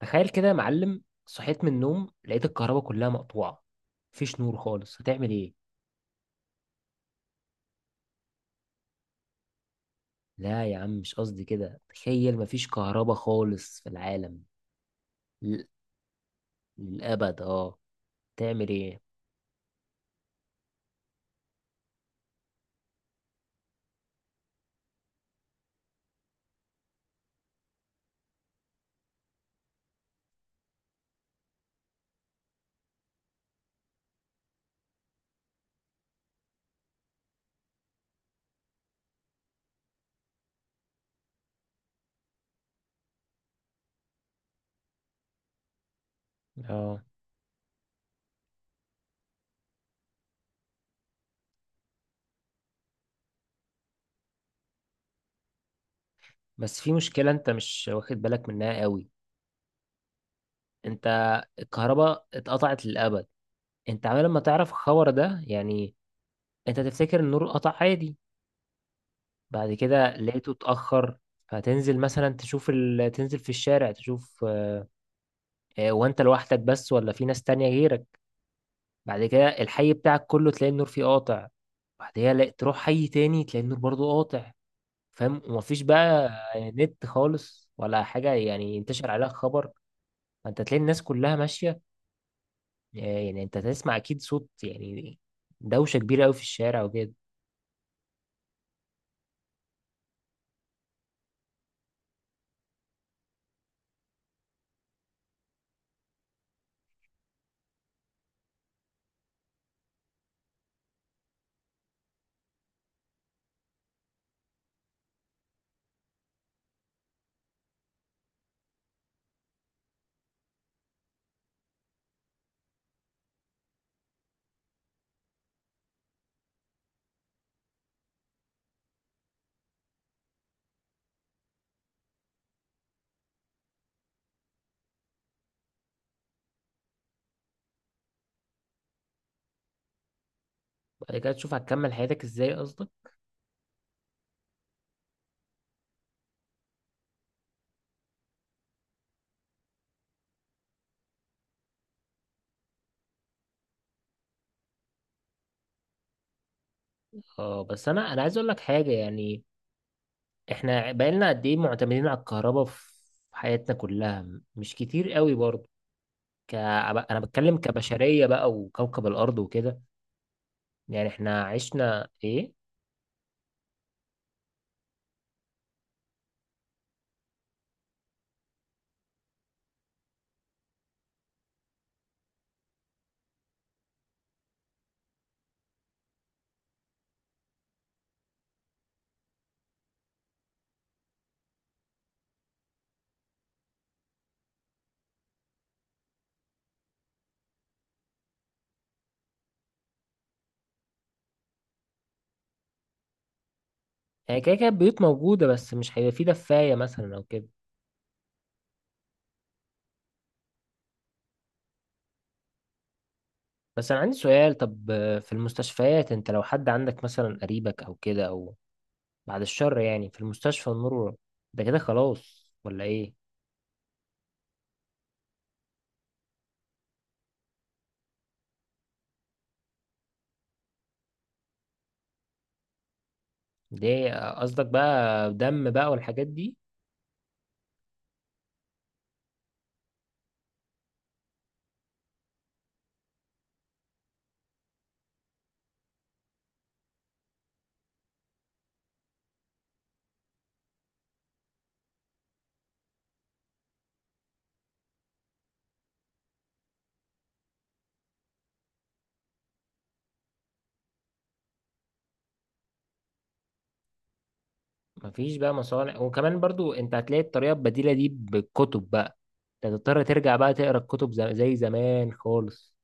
تخيل كده يا معلم، صحيت من النوم لقيت الكهرباء كلها مقطوعة. مفيش نور خالص. هتعمل ايه؟ لا يا عم، مش قصدي كده. تخيل مفيش كهرباء خالص في العالم ل- للأبد، اه. تعمل ايه؟ اه، بس في مشكلة انت مش واخد بالك منها قوي. انت الكهرباء اتقطعت للأبد، انت عمال ما تعرف الخبر ده يعني. انت تفتكر النور قطع عادي، بعد كده لقيته اتأخر. فتنزل مثلا تشوف تنزل في الشارع تشوف. وانت لوحدك بس ولا في ناس تانية غيرك؟ بعد كده الحي بتاعك كله تلاقي النور فيه قاطع. بعدها تروح حي تاني تلاقي النور برضو قاطع، فاهم؟ ومفيش بقى نت خالص ولا حاجة يعني ينتشر عليها خبر. فانت تلاقي الناس كلها ماشية. يعني انت تسمع اكيد صوت، يعني دوشة كبيرة قوي في الشارع وكده. بعد كده تشوف هتكمل حياتك ازاي، قصدك؟ اه، بس انا عايز اقول لك حاجة يعني. احنا بقالنا قد ايه معتمدين على الكهرباء في حياتنا كلها؟ مش كتير قوي برضه. انا بتكلم كبشريه بقى وكوكب الارض وكده. يعني احنا عشنا ايه؟ هي كده كده البيوت موجوده، بس مش هيبقى في دفايه مثلا او كده. بس انا عندي سؤال. طب في المستشفيات، انت لو حد عندك مثلا قريبك او كده، او بعد الشر يعني، في المستشفى النور ده كده خلاص ولا ايه؟ ليه؟ قصدك بقى دم بقى والحاجات دي. مفيش بقى مصانع، وكمان برضو انت هتلاقي الطريقه البديله دي بالكتب بقى. انت هتضطر ترجع بقى تقرا الكتب زي زمان خالص.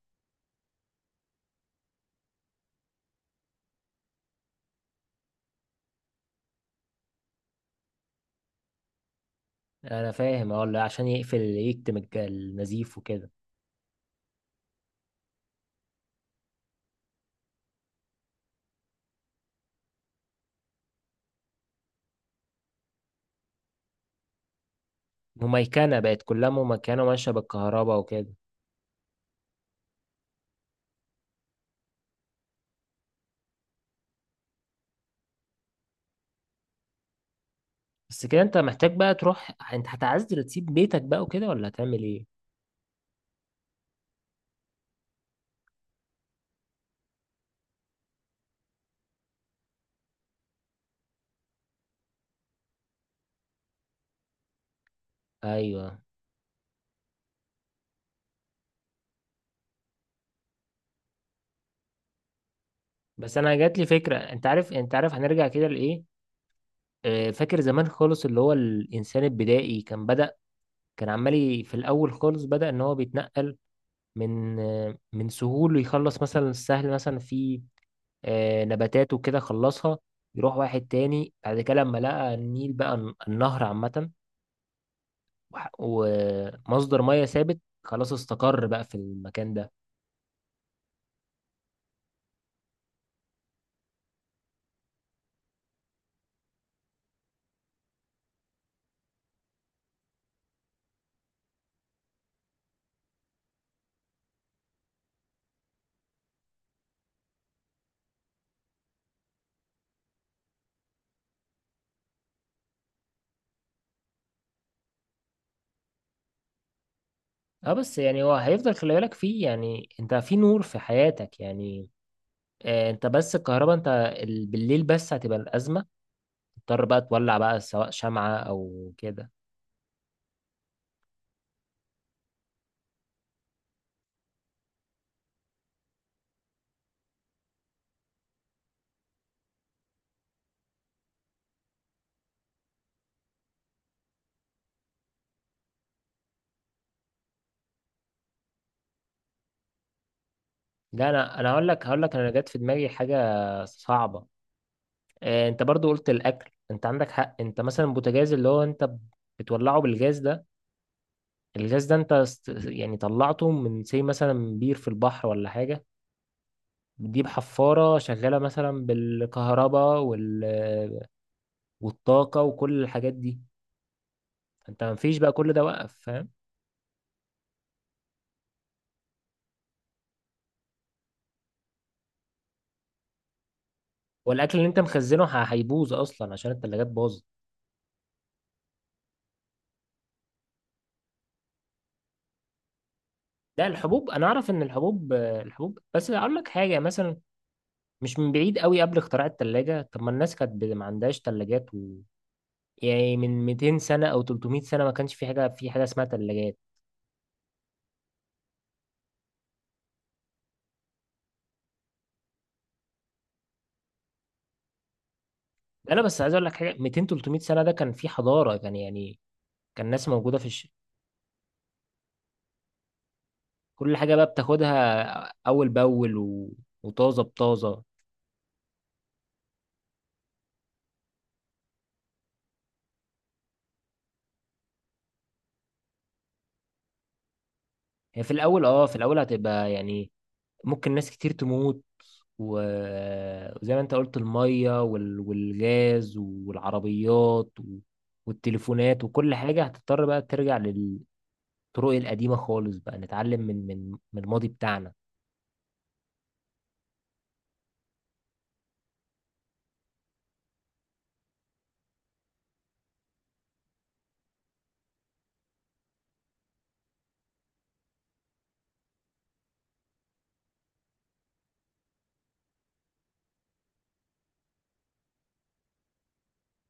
انا فاهم، اه، اللي عشان يقفل يكتم النزيف وكده. مميكنه بقت، كلها مميكنه ماشيه بالكهرباء وكده. بس كده انت محتاج بقى تروح، انت هتعزل تسيب بيتك بقى وكده ولا هتعمل ايه؟ ايوه، بس انا جات لي فكره. انت عارف هنرجع كده لايه؟ فاكر زمان خالص اللي هو الانسان البدائي كان بدأ. كان عمال في الاول خالص بدأ ان هو بيتنقل من سهول، يخلص مثلا السهل مثلا في نباتات وكده خلصها، يروح واحد تاني. بعد كده لما لقى النيل بقى النهر عامة ومصدر مية ثابت، خلاص استقر بقى في المكان ده. اه، بس يعني هو هيفضل. خلي بالك فيه، يعني انت في نور في حياتك يعني. انت بس الكهرباء انت بالليل بس هتبقى الأزمة. تضطر بقى تولع بقى، سواء شمعة او كده. لا، انا هقول لك انا جت في دماغي حاجة صعبة. انت برضو قلت الاكل، انت عندك حق. انت مثلا البوتاجاز اللي هو انت بتولعه بالجاز ده. الجاز ده انت يعني طلعته من زي مثلا بير في البحر ولا حاجة. بتجيب حفارة شغالة مثلا بالكهرباء والطاقة وكل الحاجات دي. انت مفيش بقى، كل ده وقف، فاهم؟ والاكل اللي انت مخزنه هيبوظ اصلا عشان التلاجات باظت. لا، الحبوب انا اعرف ان الحبوب. بس اقول لك حاجه مثلا، مش من بعيد قوي قبل اختراع التلاجة. طب ما الناس كانت ما عندهاش تلاجات. يعني من 200 سنة أو 300 سنة ما كانش في حاجة اسمها تلاجات. أنا بس عايز أقول لك حاجة، 200 300 سنة ده كان في حضارة، كان يعني كان ناس موجودة في كل حاجة بقى بتاخدها أول بأول وطازة بطازة. هي في الأول هتبقى يعني ممكن ناس كتير تموت. و... وزي ما أنت قلت، المية والغاز والعربيات والتليفونات وكل حاجة هتضطر بقى ترجع للطرق القديمة خالص. بقى نتعلم من الماضي بتاعنا.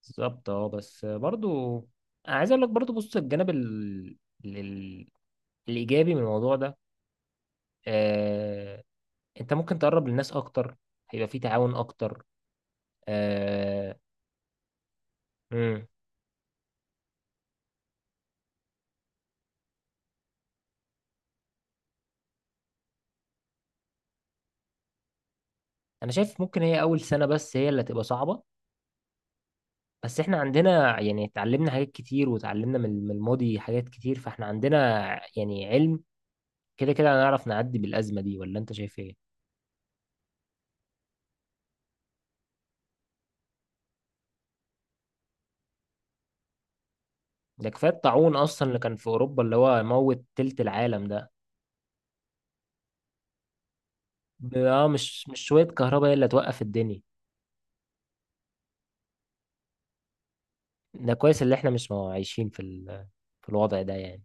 بالظبط، اه، بس برضو انا عايز اقول لك برضو، بص الجانب ال... الايجابي من الموضوع ده. آه... انت ممكن تقرب للناس اكتر، هيبقى في تعاون اكتر. آه... مم. انا شايف ممكن هي اول سنة بس هي اللي هتبقى صعبة. بس احنا عندنا يعني اتعلمنا حاجات كتير، وتعلمنا من الماضي حاجات كتير، فاحنا عندنا يعني علم. كده كده هنعرف نعدي بالأزمة دي، ولا انت شايف ايه؟ ده كفاية الطاعون اصلا اللي كان في اوروبا، اللي هو موت تلت العالم ده. اه، مش شوية كهرباء هي اللي هتوقف الدنيا. ده كويس اللي احنا مش عايشين في في الوضع ده يعني.